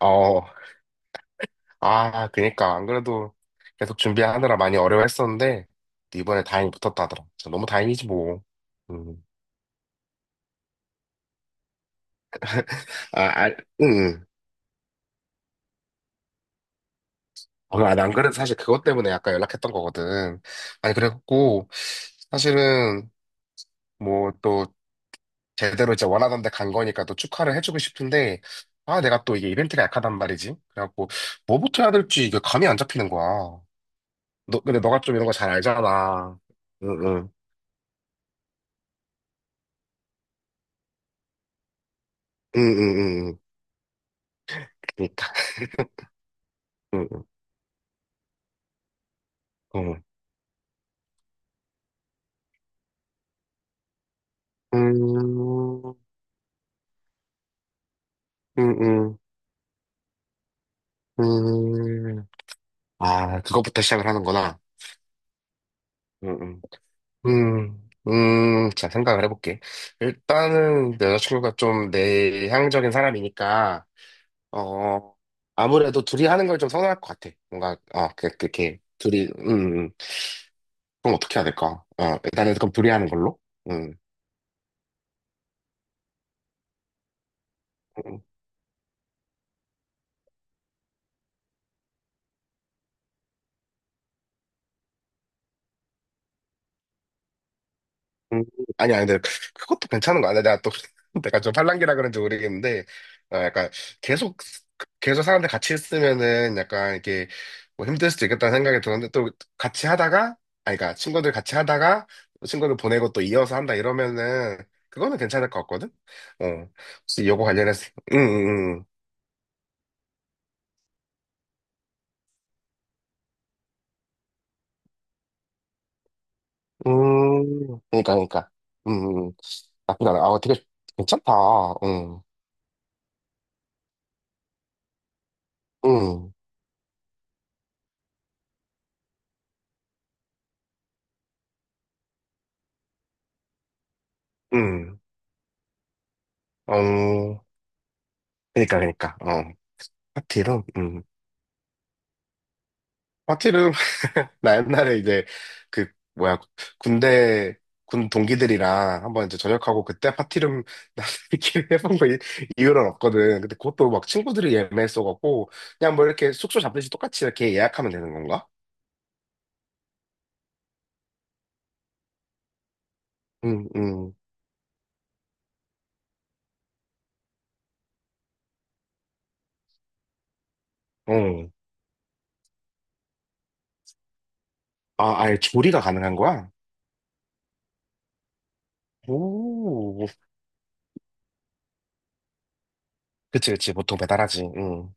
어, 아, 그니까. 안 그래도 계속 준비하느라 많이 어려워했었는데, 이번에 다행히 붙었다 하더라. 진짜 너무 다행이지, 뭐. 음. 아, 아, 응. 어, 아, 안 그래도 사실 그것 때문에 약간 연락했던 거거든. 아니, 그래갖고, 사실은, 뭐, 또, 제대로 이제 원하던 데 간 거니까 또 축하를 해주고 싶은데, 아, 내가 또 이게 이벤트가 약하단 말이지. 그래갖고, 뭐부터 해야 될지 이게 감이 안 잡히는 거야. 너, 근데 너가 좀 이런 거 잘 알잖아. 응, 응. 응, 응, 응. 응. 그니까. 어. 음, 음, 음, 음. 아, 그것부터 시작을 하는구나. 음, 음, 자, 생각을 해볼게. 일단은 내 여자친구가 좀 내향적인 사람이니까, 어, 아무래도 둘이 하는 걸 좀 선호할 것 같아. 뭔가, 어, 그렇게, 둘이, 그럼 어떻게 해야 될까? 어, 일단은 그럼 둘이 하는 걸로? 음. 음. 음, 아니, 아니, 근데 그것도 괜찮은 거 아니야? 내가 또, 내가 좀 팔랑귀라 그런지 모르겠는데, 어, 약간 계속, 계속 사람들 같이 있으면은 약간 이렇게 뭐 힘들 수도 있겠다는 생각이 드는데, 또 같이 하다가, 아니, 그러니까 친구들 같이 하다가, 또 친구들 보내고 또 이어서 한다 이러면은, 그거는 괜찮을 것 같거든? 어, 혹시 요거 관련해서, 응, 응, 응. 응. 그러니까, 그러니까. 음, 음. 나쁘지 않아. 아, 되게 괜찮다. 응, 응, 응. 어, 그러니까, 그러니까. 어. 파티룸? 음. 파티룸? 나 옛날에 이제 그 뭐야 군대 군 동기들이랑 한번 이제 저녁하고 그때 파티룸 나들끼리 이유는 없거든. 근데 그것도 막 친구들이 예매했어갖고 그냥 뭐 이렇게 숙소 잡듯이 똑같이 이렇게 예약하면 되는 건가? 응, 응, 응. 아, 아예 조리가 가능한 거야? 오, 그치, 그치. 보통 배달하지. 응,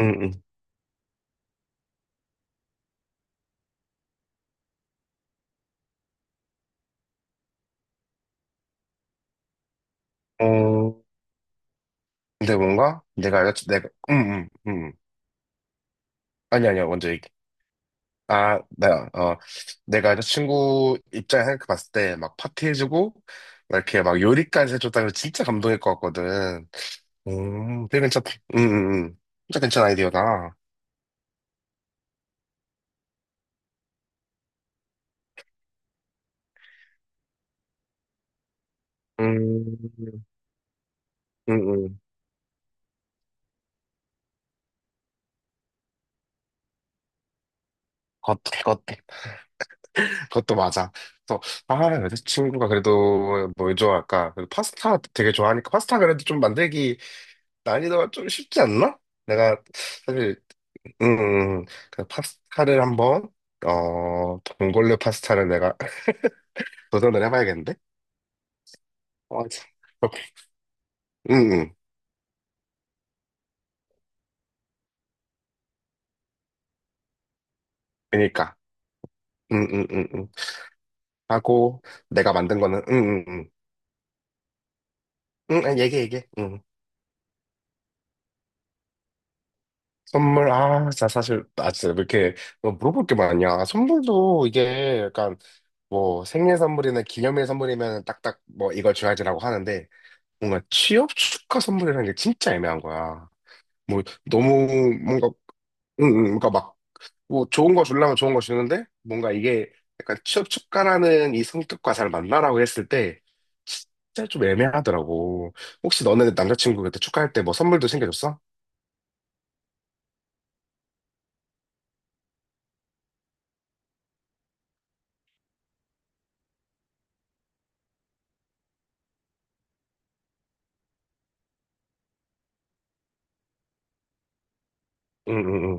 응, 응. 어, 근데 뭔가 내가 응, 응, 응. 아니 아니야 먼저 얘기해. 아, 내가, 어, 내가 여자친구 입장에 생각해 봤을 때, 막 파티해주고, 막 이렇게 막 요리까지 해줬다면 진짜 감동일 것 같거든. 되게 괜찮다. 음, 음, 음. 진짜 괜찮은 아이디어다. 음, 음, 음. 그것도, 그것도, 그것도 맞아. 또, 아, 여자친구가 그래도 뭘 좋아할까? 그래도 파스타 되게 좋아하니까 파스타 그래도 좀 만들기 난이도가 좀 쉽지 않나? 내가 사실 음, 그 파스타를 한번, 어, 봉골레 파스타를 내가 도전을 해봐야겠는데? 어, 참. 응, 응, 그니까. 응, 응, 응, 응. 하고, 내가 만든 거는, 응, 응, 응. 응, 얘기해, 얘기해. 응. 선물, 아, 자, 사실, 아, 진짜, 왜 이렇게, 뭐 물어볼 게 많냐. 선물도 이게, 약간, 뭐, 생일 선물이나 기념일 선물이면 딱딱, 뭐, 이걸 줘야지라고 하는데, 뭔가 취업 축하 선물이라는 게 진짜 애매한 거야. 뭐, 너무, 뭔가, 응, 응, 그러니까 막, 뭐 좋은 거 주려면 좋은 거 주는데 뭔가 이게 약간 취업 촉구하는 이 성격과 잘 맞나라고 했을 때 진짜 좀 애매하더라고. 혹시 너는 남자친구 그때 축하할 때 뭐 선물도 챙겨줬어? 응응응.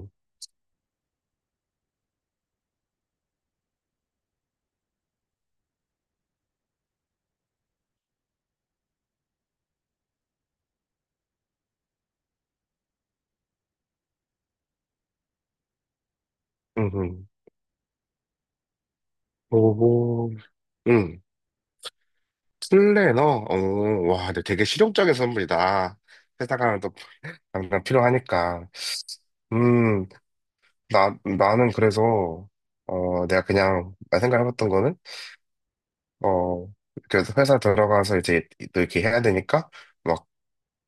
응응. 오호. 응. 슬래너? 어, 와, 근데 되게 실용적인 선물이다. 회사 가면 또 당장 필요하니까. 음, 나는 그래서, 어, 내가 그냥, 나 생각해봤던 거는, 어, 그래서 회사 들어가서 이제 또 이렇게 해야 되니까, 막,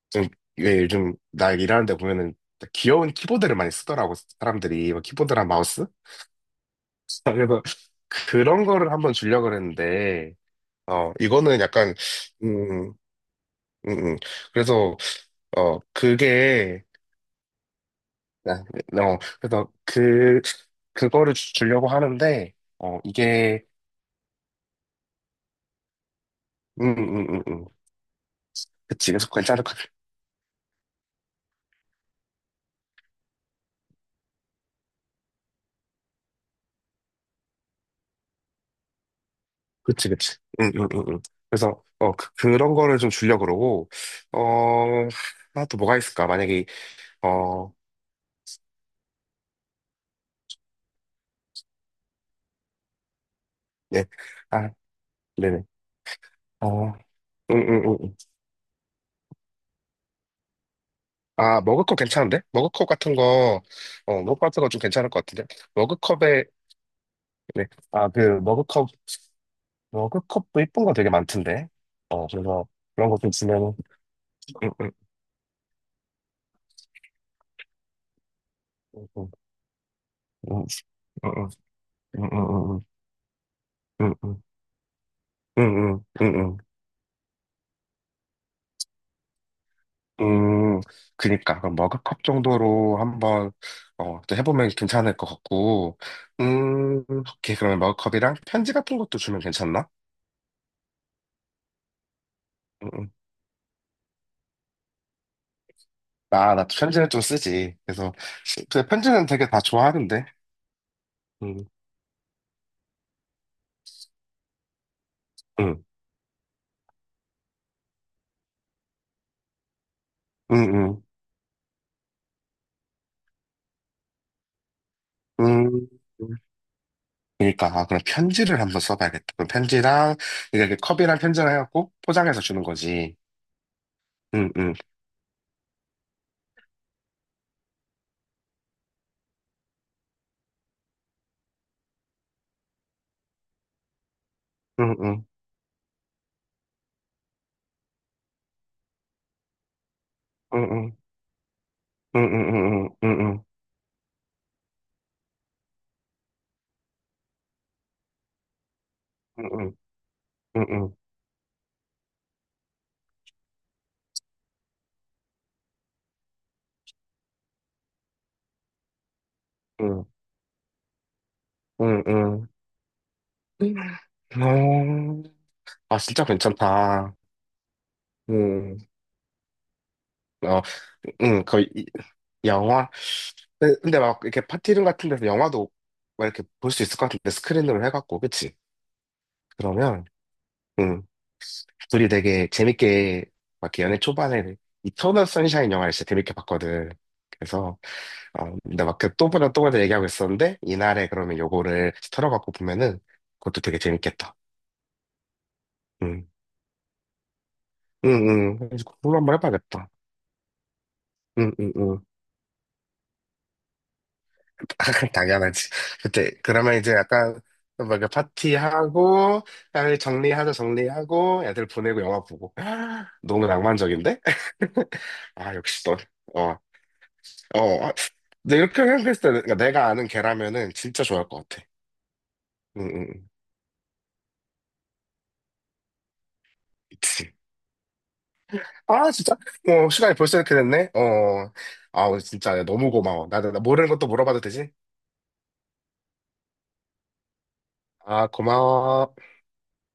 좀, 왜 요즘 나 일하는 데 보면은 귀여운 키보드를 많이 쓰더라고, 사람들이. 뭐 키보드랑 마우스? 그래서 그런 거를 한번 주려고 그랬는데, 어, 이거는 약간, 음, 음, 음. 그래서, 어, 그게, 아, 어, 그래서 그, 주려고 하는데, 어, 이게, 음, 음, 음, 음. 그치, 그래서 괜찮을 것 그치, 그치. 응, 응, 응, 응. 그래서, 어, 그, 런 거를 좀 주려고 그러고, 어, 하나 또 뭐가 있을까? 만약에, 어, 네. 아, 네네. 어, 응, 응, 응. 응. 아, 머그컵 괜찮은데? 머그컵 같은 거, 어, 머그컵 같은 거 좀 괜찮을 것 같은데? 머그컵에, 네. 아, 그, 머그컵, 머그컵도 이쁜 거 되게 많던데? 어, 그래서 그런 거 좀 주면은, 응, 응, 응, 응, 응, 응, 응, 응, 응, 응, 응, 응, 응, 응, 응. 음, 그니까, 그럼 머그컵 정도로 한번, 어, 해보면 괜찮을 것 같고, 오케이. 그러면 머그컵이랑 편지 같은 것도 주면 괜찮나? 음, 음. 아, 나도 편지는 좀 쓰지. 그래서, 근 편지는 되게 다 좋아하는데, 음, 음, 음, 음, 음. 그니까, 아, 그럼 편지를 한번 써봐야겠다. 그럼 편지랑, 이게 컵이랑 편지를 해갖고 포장해서 주는 거지. 응, 응, 응, 응, 응, 응, 응, 응, 응, 응, 응, 응, 응, 응, 응, 응, 응, 응. 음. 어, 아, 진짜 괜찮다. 음, 어, 음, 거의, 이- 영화. 근데, 근데 막, 이렇게 파티룸 같은 데서 영화도 막 이렇게 볼 수 있을 것 같은데, 스크린으로 해갖고, 그치? 그러면, 음, 둘이 되게 재밌게, 막 이렇게 연애 초반에, 이터널 선샤인 영화를 진짜 재밌게 봤거든. 그래서, 어, 근데 막 그 또 보다 또 보다 얘기하고 있었는데, 이날에 그러면 요거를 털어갖고 보면은, 그것도 되게 재밌겠다. 응, 응, 응. 그래서 그걸로 한번 해봐야겠다. 응, 응, 응. 당연하지. 그때, 그러면 이제 약간, 뭔가 파티하고, 딸 정리하자 정리하고, 애들 보내고 영화 보고. 너무 낭만적인데? 아, 역시 너, 어, 어. 어. 근데 이렇게 생각했을 때, 그러니까 내가 아는 걔라면은 진짜 좋아할 것 같아. 응, 응, 응. 그치. 아, 진짜? 어, 시간이 벌써 이렇게 됐네? 어. 아, 오늘 진짜 너무 고마워. 나 모르는 것도 물어봐도 되지? 아, 고마워.